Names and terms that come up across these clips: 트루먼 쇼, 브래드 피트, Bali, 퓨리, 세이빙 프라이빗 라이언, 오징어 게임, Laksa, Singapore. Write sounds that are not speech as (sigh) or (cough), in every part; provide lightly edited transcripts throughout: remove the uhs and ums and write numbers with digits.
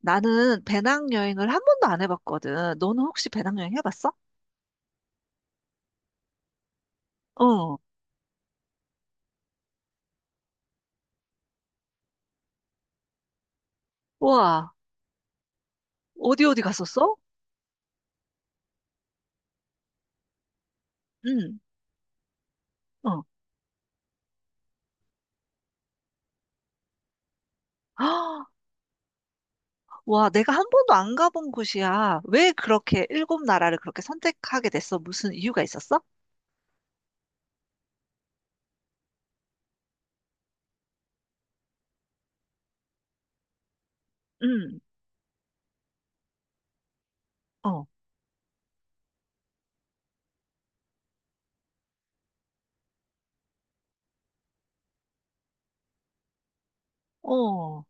나는 배낭여행을 한 번도 안 해봤거든. 너는 혹시 배낭여행 해봤어? 어. 와, 어디 어디 갔었어? 응. 어. (gasps) 아, 와, 내가 한 번도 안 가본 곳이야. 왜 그렇게 일곱 나라를 그렇게 선택하게 됐어? 무슨 이유가 있었어? 응. 어. 어.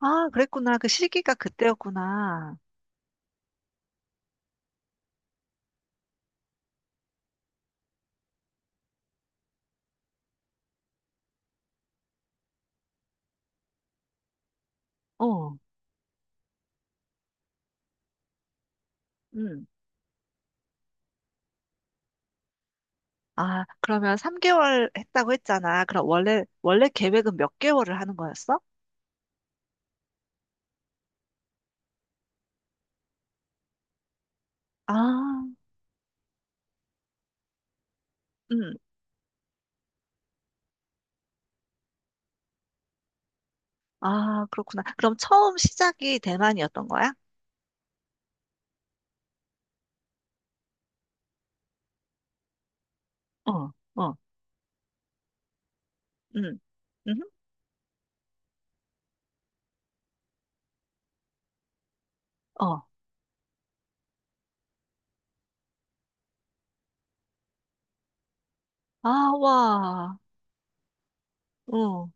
아, 그랬구나. 그 시기가 그때였구나. 어. 응. 아, 그러면 3개월 했다고 했잖아. 그럼 원래 계획은 몇 개월을 하는 거였어? 아. 응. 아, 그렇구나. 그럼 처음 시작이 대만이었던 거야? 어, 어, 응. 응 어. 아, 와. 어.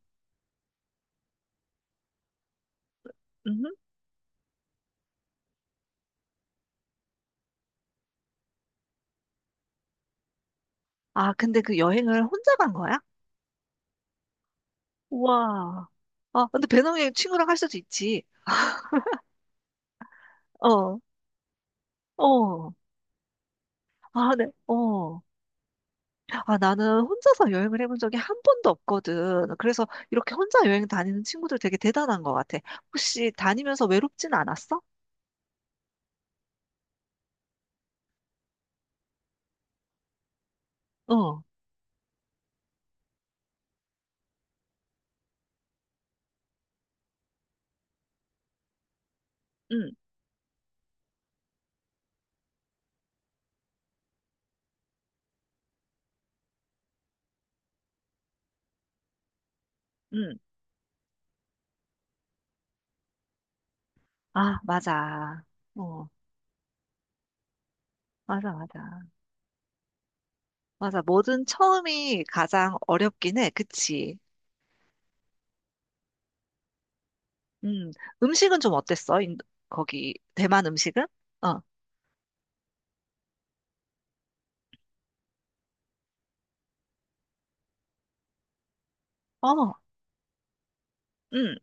응 아, 근데 그 여행을 혼자 간 거야? 우와. 아, 근데 배낭여행 친구랑 할 수도 있지. 어. 어. 아, 네. 어. 아, 나는 혼자서 여행을 해본 적이 한 번도 없거든. 그래서 이렇게 혼자 여행 다니는 친구들 되게 대단한 것 같아. 혹시 다니면서 외롭진 않았어? 어. 응. 응. 아, 맞아. 어. 맞아, 맞아. 맞아. 뭐든 처음이 가장 어렵긴 해. 그치? 음. 음식은 좀 어땠어? 거기, 대만 음식은? 어. 어. 음.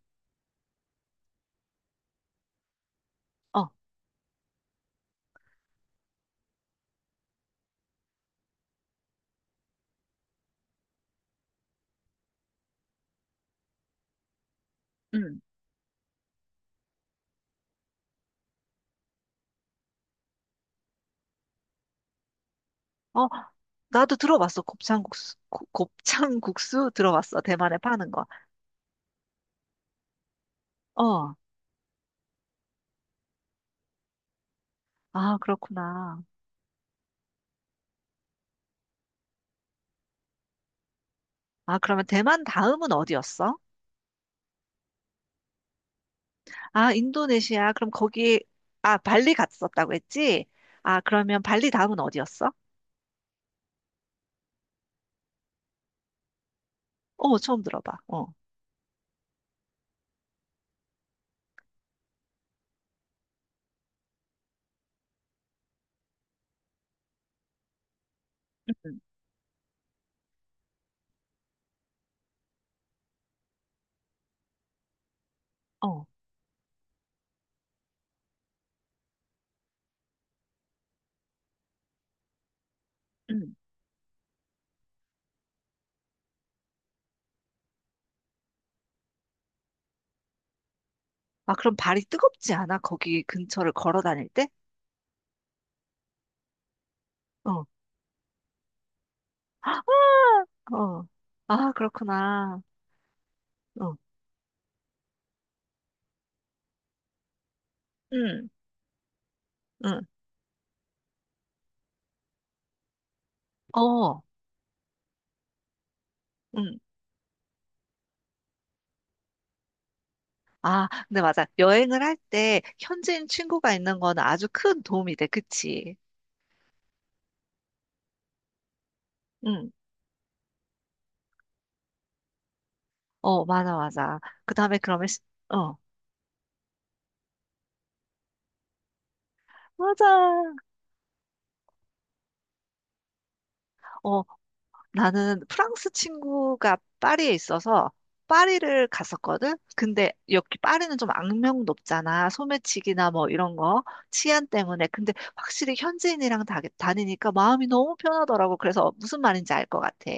어. 음. 어. 나도 들어봤어. 곱창국수. 곱창국수 들어봤어. 대만에 파는 거. 어. 아, 그렇구나. 아, 그러면 대만 다음은 어디였어? 아, 인도네시아. 그럼 거기, 아, 발리 갔었다고 했지? 아, 그러면 발리 다음은 어디였어? 어, 처음 들어봐. 어. 음. 어. 음. 아, 그럼 발이 뜨겁지 않아? 거기 근처를 걸어 다닐 때? 어, (laughs) 어. 아, 그렇구나. 어, 응, 응, 어. 응. 아, 근데 맞아. 여행을 할 때 현지인 친구가 있는 거는 아주 큰 도움이 돼. 그치? 응. 어, 맞아, 맞아. 그 다음에 그러면, 시- 어, 맞아. 어, 나는 프랑스 친구가 파리에 있어서 파리를 갔었거든. 근데 여기 파리는 좀 악명 높잖아. 소매치기나 뭐 이런 거 치안 때문에. 근데 확실히 현지인이랑 다니니까 마음이 너무 편하더라고. 그래서 무슨 말인지 알 것 같아.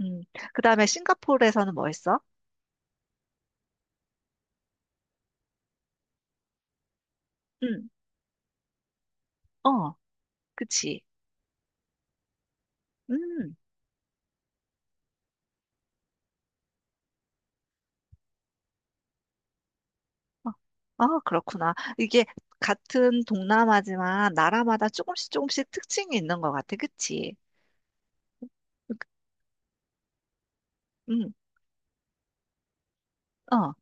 음. 그다음에 싱가포르에서는 뭐 했어? 음. 어. 그치. 음. 어, 아, 그렇구나. 이게 같은 동남아지만 나라마다 조금씩 조금씩 특징이 있는 것 같아. 그치? 음. 어.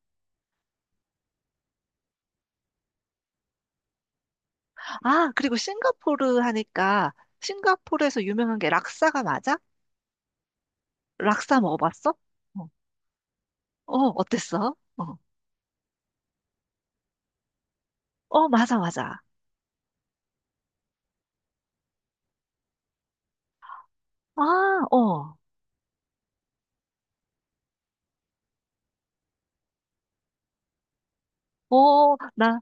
아, 그리고 싱가포르 하니까 싱가포르에서 유명한 게 락사가 맞아? 락사 먹어봤어? 어, 어, 어땠어? 어, 어, 맞아, 맞아. 아, 어, 어,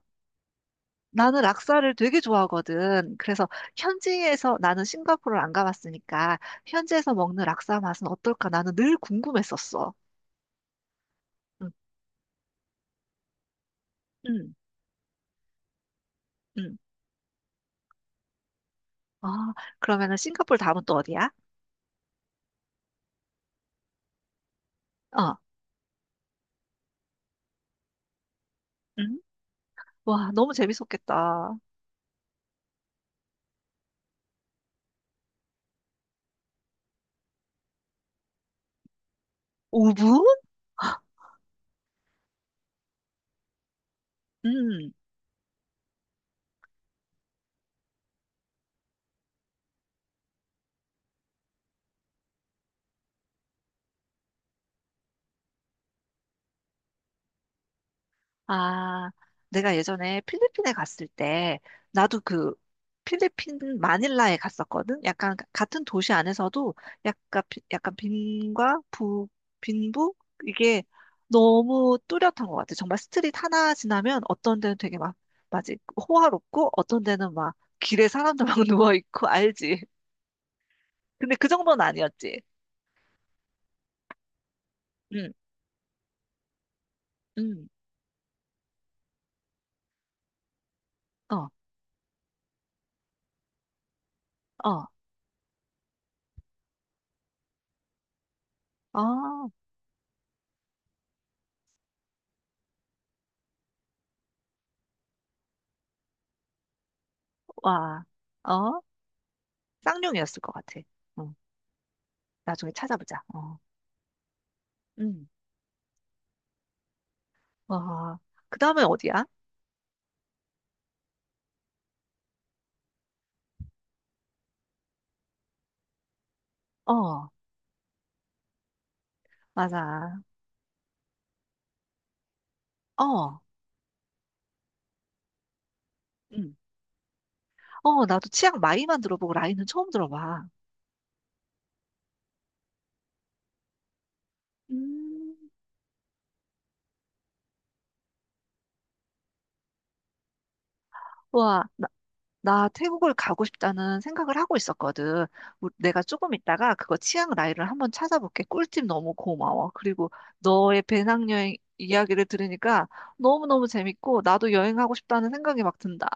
나는 락사를 되게 좋아하거든. 그래서 현지에서 나는 싱가포르를 안 가봤으니까 현지에서 먹는 락사 맛은 어떨까? 나는 늘 궁금했었어. 응, 응, 응. 아, 그러면은 싱가포르 다음은 또 어디야? 어, 응? 와, 너무 재밌었겠다. 5분? 아, 내가 예전에 필리핀에 갔을 때, 나도 그 필리핀 마닐라에 갔었거든? 약간 같은 도시 안에서도 약간, 약간 빈과 부, 빈부? 이게 너무 뚜렷한 것 같아. 정말 스트릿 하나 지나면 어떤 데는 되게 막, 맞지? 호화롭고 어떤 데는 막 길에 사람들 막 (laughs) 누워있고, 알지? 근데 그 정도는 아니었지. 응, 응, 어, 어, 어, 와, 어, 쌍용이었을 것 같아. 어. 나중에 찾아보자. 어. 응, 와, 그 다음에 어디야? 어, 맞아. 어, 응. 어, 나도 치앙 마이만 들어보고 라인은 처음 들어봐. 음, 와, 나 태국을 가고 싶다는 생각을 하고 있었거든. 내가 조금 있다가 그거 치앙 라이를 한번 찾아볼게. 꿀팁 너무 고마워. 그리고 너의 배낭여행 이야기를 들으니까 너무너무 재밌고 나도 여행하고 싶다는 생각이 막 든다.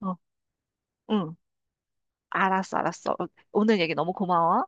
어, 응. 알았어, 알았어. 어, 오늘 얘기 너무 고마워.